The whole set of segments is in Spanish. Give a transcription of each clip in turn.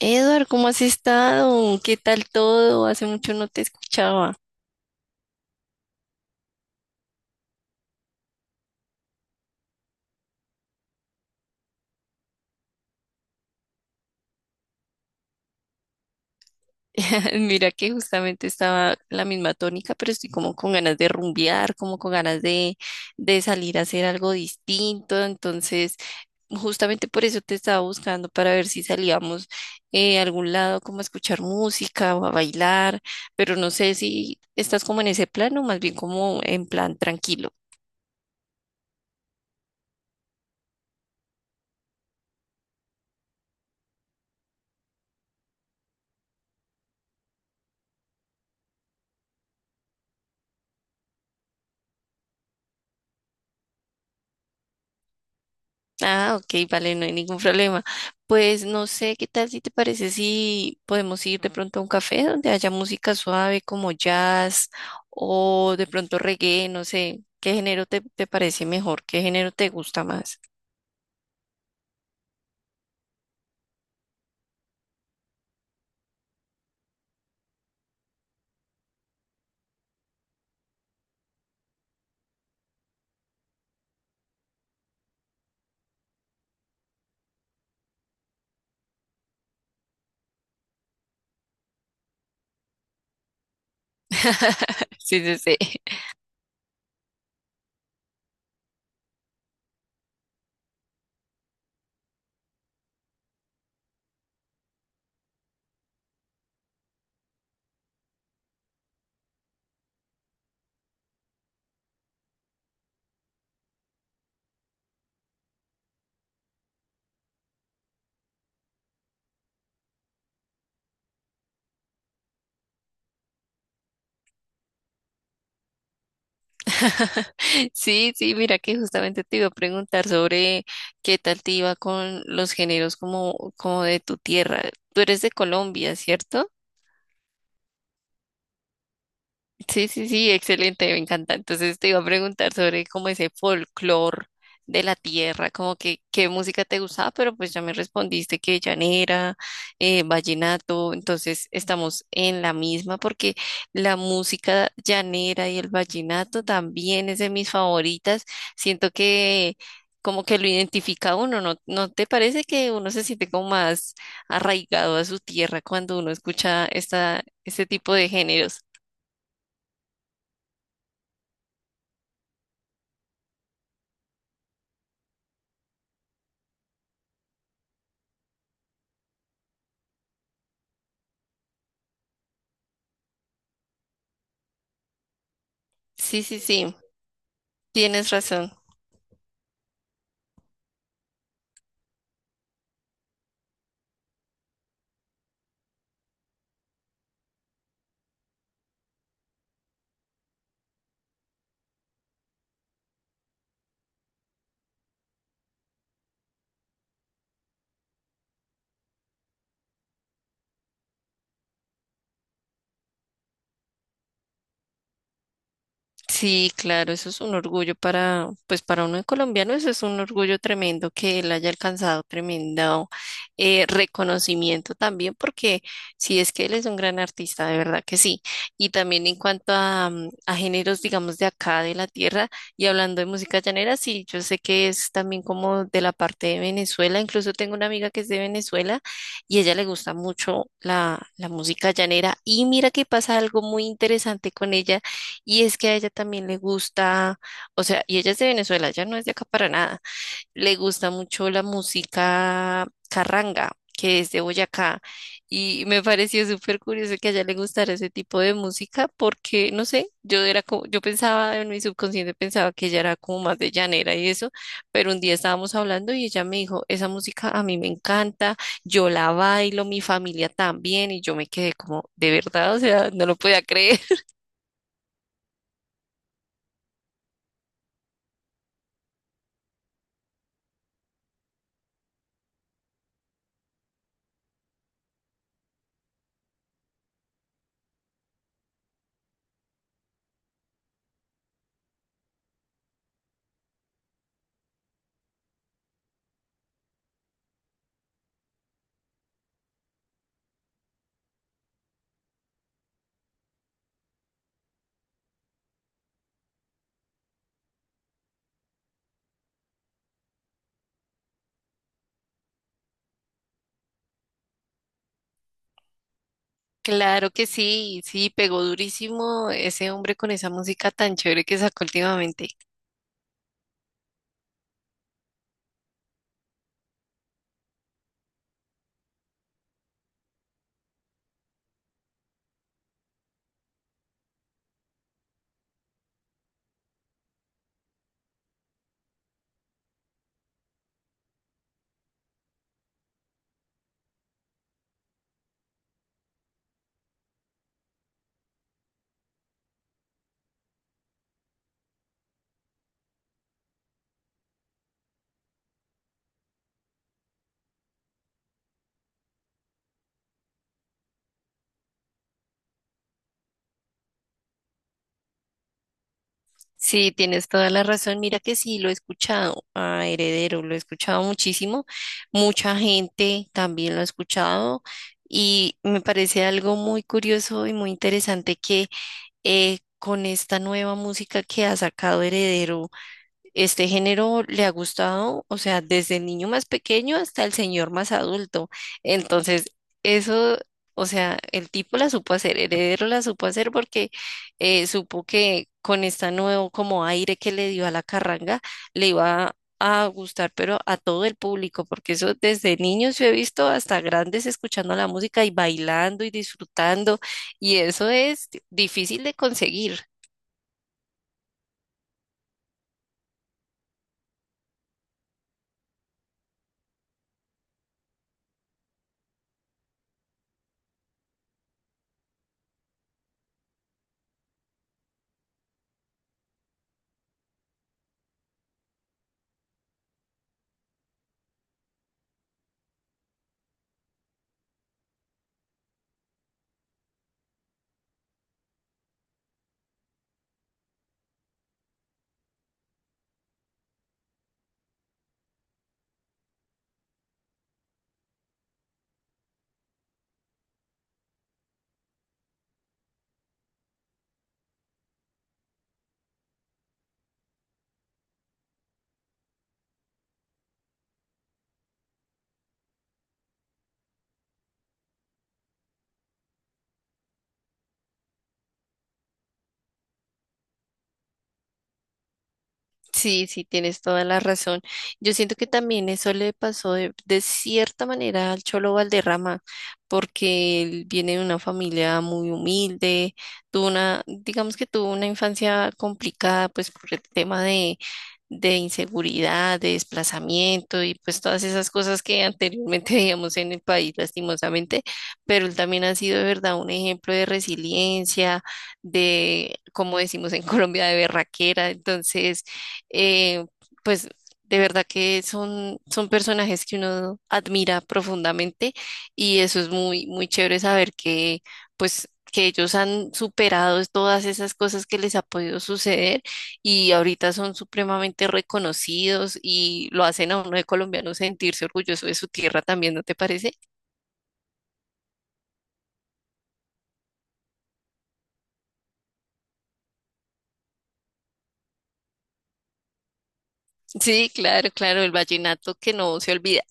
Edward, ¿cómo has estado? ¿Qué tal todo? Hace mucho no te escuchaba. Mira que justamente estaba en la misma tónica, pero estoy como con ganas de rumbear, como con ganas de salir a hacer algo distinto. Entonces, justamente por eso te estaba buscando para ver si salíamos a algún lado, como a escuchar música o a bailar, pero no sé si estás como en ese plan o más bien como en plan tranquilo. Ah, ok, vale, no hay ningún problema. Pues no sé, ¿qué tal si te parece si podemos ir de pronto a un café donde haya música suave como jazz o de pronto reggae, no sé, ¿qué género te parece mejor? ¿Qué género te gusta más? Sí, sí, sí. Sí, sí, mira que justamente te iba a preguntar sobre qué tal te iba con los géneros como, como de tu tierra. Tú eres de Colombia, ¿cierto? Sí, sí, sí, excelente, me encanta. Entonces te iba a preguntar sobre como ese folclore de la tierra, como que qué música te gustaba, pero pues ya me respondiste que llanera, vallenato, entonces estamos en la misma porque la música llanera y el vallenato también es de mis favoritas. Siento que como que lo identifica a uno, ¿no? ¿No te parece que uno se siente como más arraigado a su tierra cuando uno escucha esta, este tipo de géneros? Sí, sí, sí, tienes razón. Sí, claro, eso es un orgullo para, pues para uno de colombiano, eso es un orgullo tremendo que él haya alcanzado tremendo reconocimiento también, porque sí es que él es un gran artista, de verdad que sí. Y también en cuanto a, mm, a géneros, digamos, de acá, de la tierra, y hablando de música llanera, sí, yo sé que es también como de la parte de Venezuela, incluso tengo una amiga que es de Venezuela y a ella le gusta mucho la música llanera. Y mira que pasa algo muy interesante con ella y es que a ella también le gusta, o sea, y ella es de Venezuela, ella no es de acá para nada. Le gusta mucho la música carranga, que es de Boyacá. Y me pareció súper curioso que a ella le gustara ese tipo de música porque, no sé, yo era como, yo pensaba en mi subconsciente, pensaba que ella era como más de llanera y eso, pero un día estábamos hablando y ella me dijo, esa música a mí me encanta, yo la bailo, mi familia también, y yo me quedé como, de verdad, o sea, no lo podía creer. Claro que sí, sí, pegó durísimo ese hombre con esa música tan chévere que sacó últimamente. Sí, tienes toda la razón. Mira que sí, lo he escuchado a Heredero, lo he escuchado muchísimo. Mucha gente también lo ha escuchado y me parece algo muy curioso y muy interesante que con esta nueva música que ha sacado Heredero, este género le ha gustado, o sea, desde el niño más pequeño hasta el señor más adulto. Entonces, eso, o sea, el tipo la supo hacer, Heredero la supo hacer porque supo que con este nuevo como aire que le dio a la carranga, le iba a gustar, pero a todo el público, porque eso desde niños yo he visto hasta grandes escuchando la música y bailando y disfrutando, y eso es difícil de conseguir. Sí, sí, tienes toda la razón. Yo siento que también eso le pasó de cierta manera al Cholo Valderrama, porque él viene de una familia muy humilde, tuvo una, digamos que tuvo una infancia complicada, pues por el tema de inseguridad, de desplazamiento y pues todas esas cosas que anteriormente veíamos en el país, lastimosamente, pero él también ha sido de verdad un ejemplo de resiliencia, de, como decimos en Colombia, de berraquera. Entonces, eh, pues de verdad que son, son personajes que uno admira profundamente y eso es muy, muy chévere saber que, pues, que ellos han superado todas esas cosas que les ha podido suceder y ahorita son supremamente reconocidos y lo hacen a uno de colombiano sentirse orgulloso de su tierra también, ¿no te parece? Sí, claro, claro, el vallenato que no se olvida.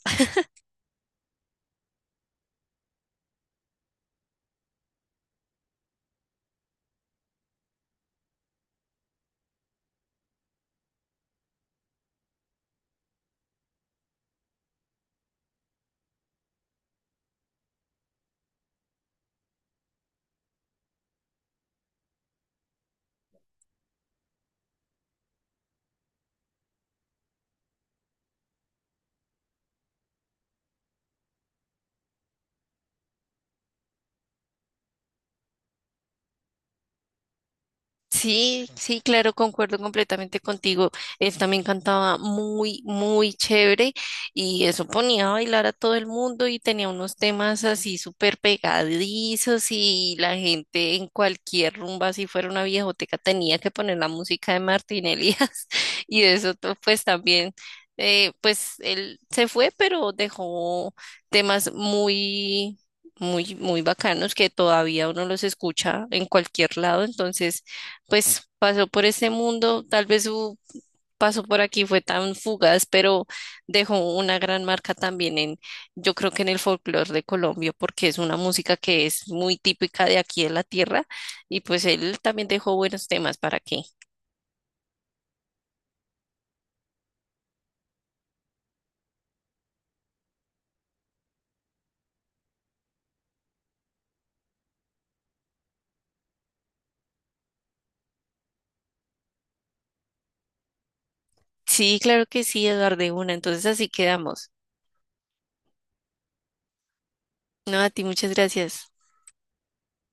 Sí, sí, claro, concuerdo completamente contigo. Él también cantaba muy, muy chévere y eso ponía a bailar a todo el mundo y tenía unos temas así súper pegadizos y la gente en cualquier rumba, si fuera una viejoteca, tenía que poner la música de Martín Elías y eso to- pues también, pues él se fue, pero dejó temas muy... muy, muy bacanos que todavía uno los escucha en cualquier lado, entonces pues pasó por este mundo, tal vez su paso por aquí fue tan fugaz, pero dejó una gran marca también en, yo creo que en el folclore de Colombia, porque es una música que es muy típica de aquí de la tierra, y pues él también dejó buenos temas, ¿para que, sí, claro que sí, Eduardo, de una, entonces así quedamos. No, a ti muchas gracias.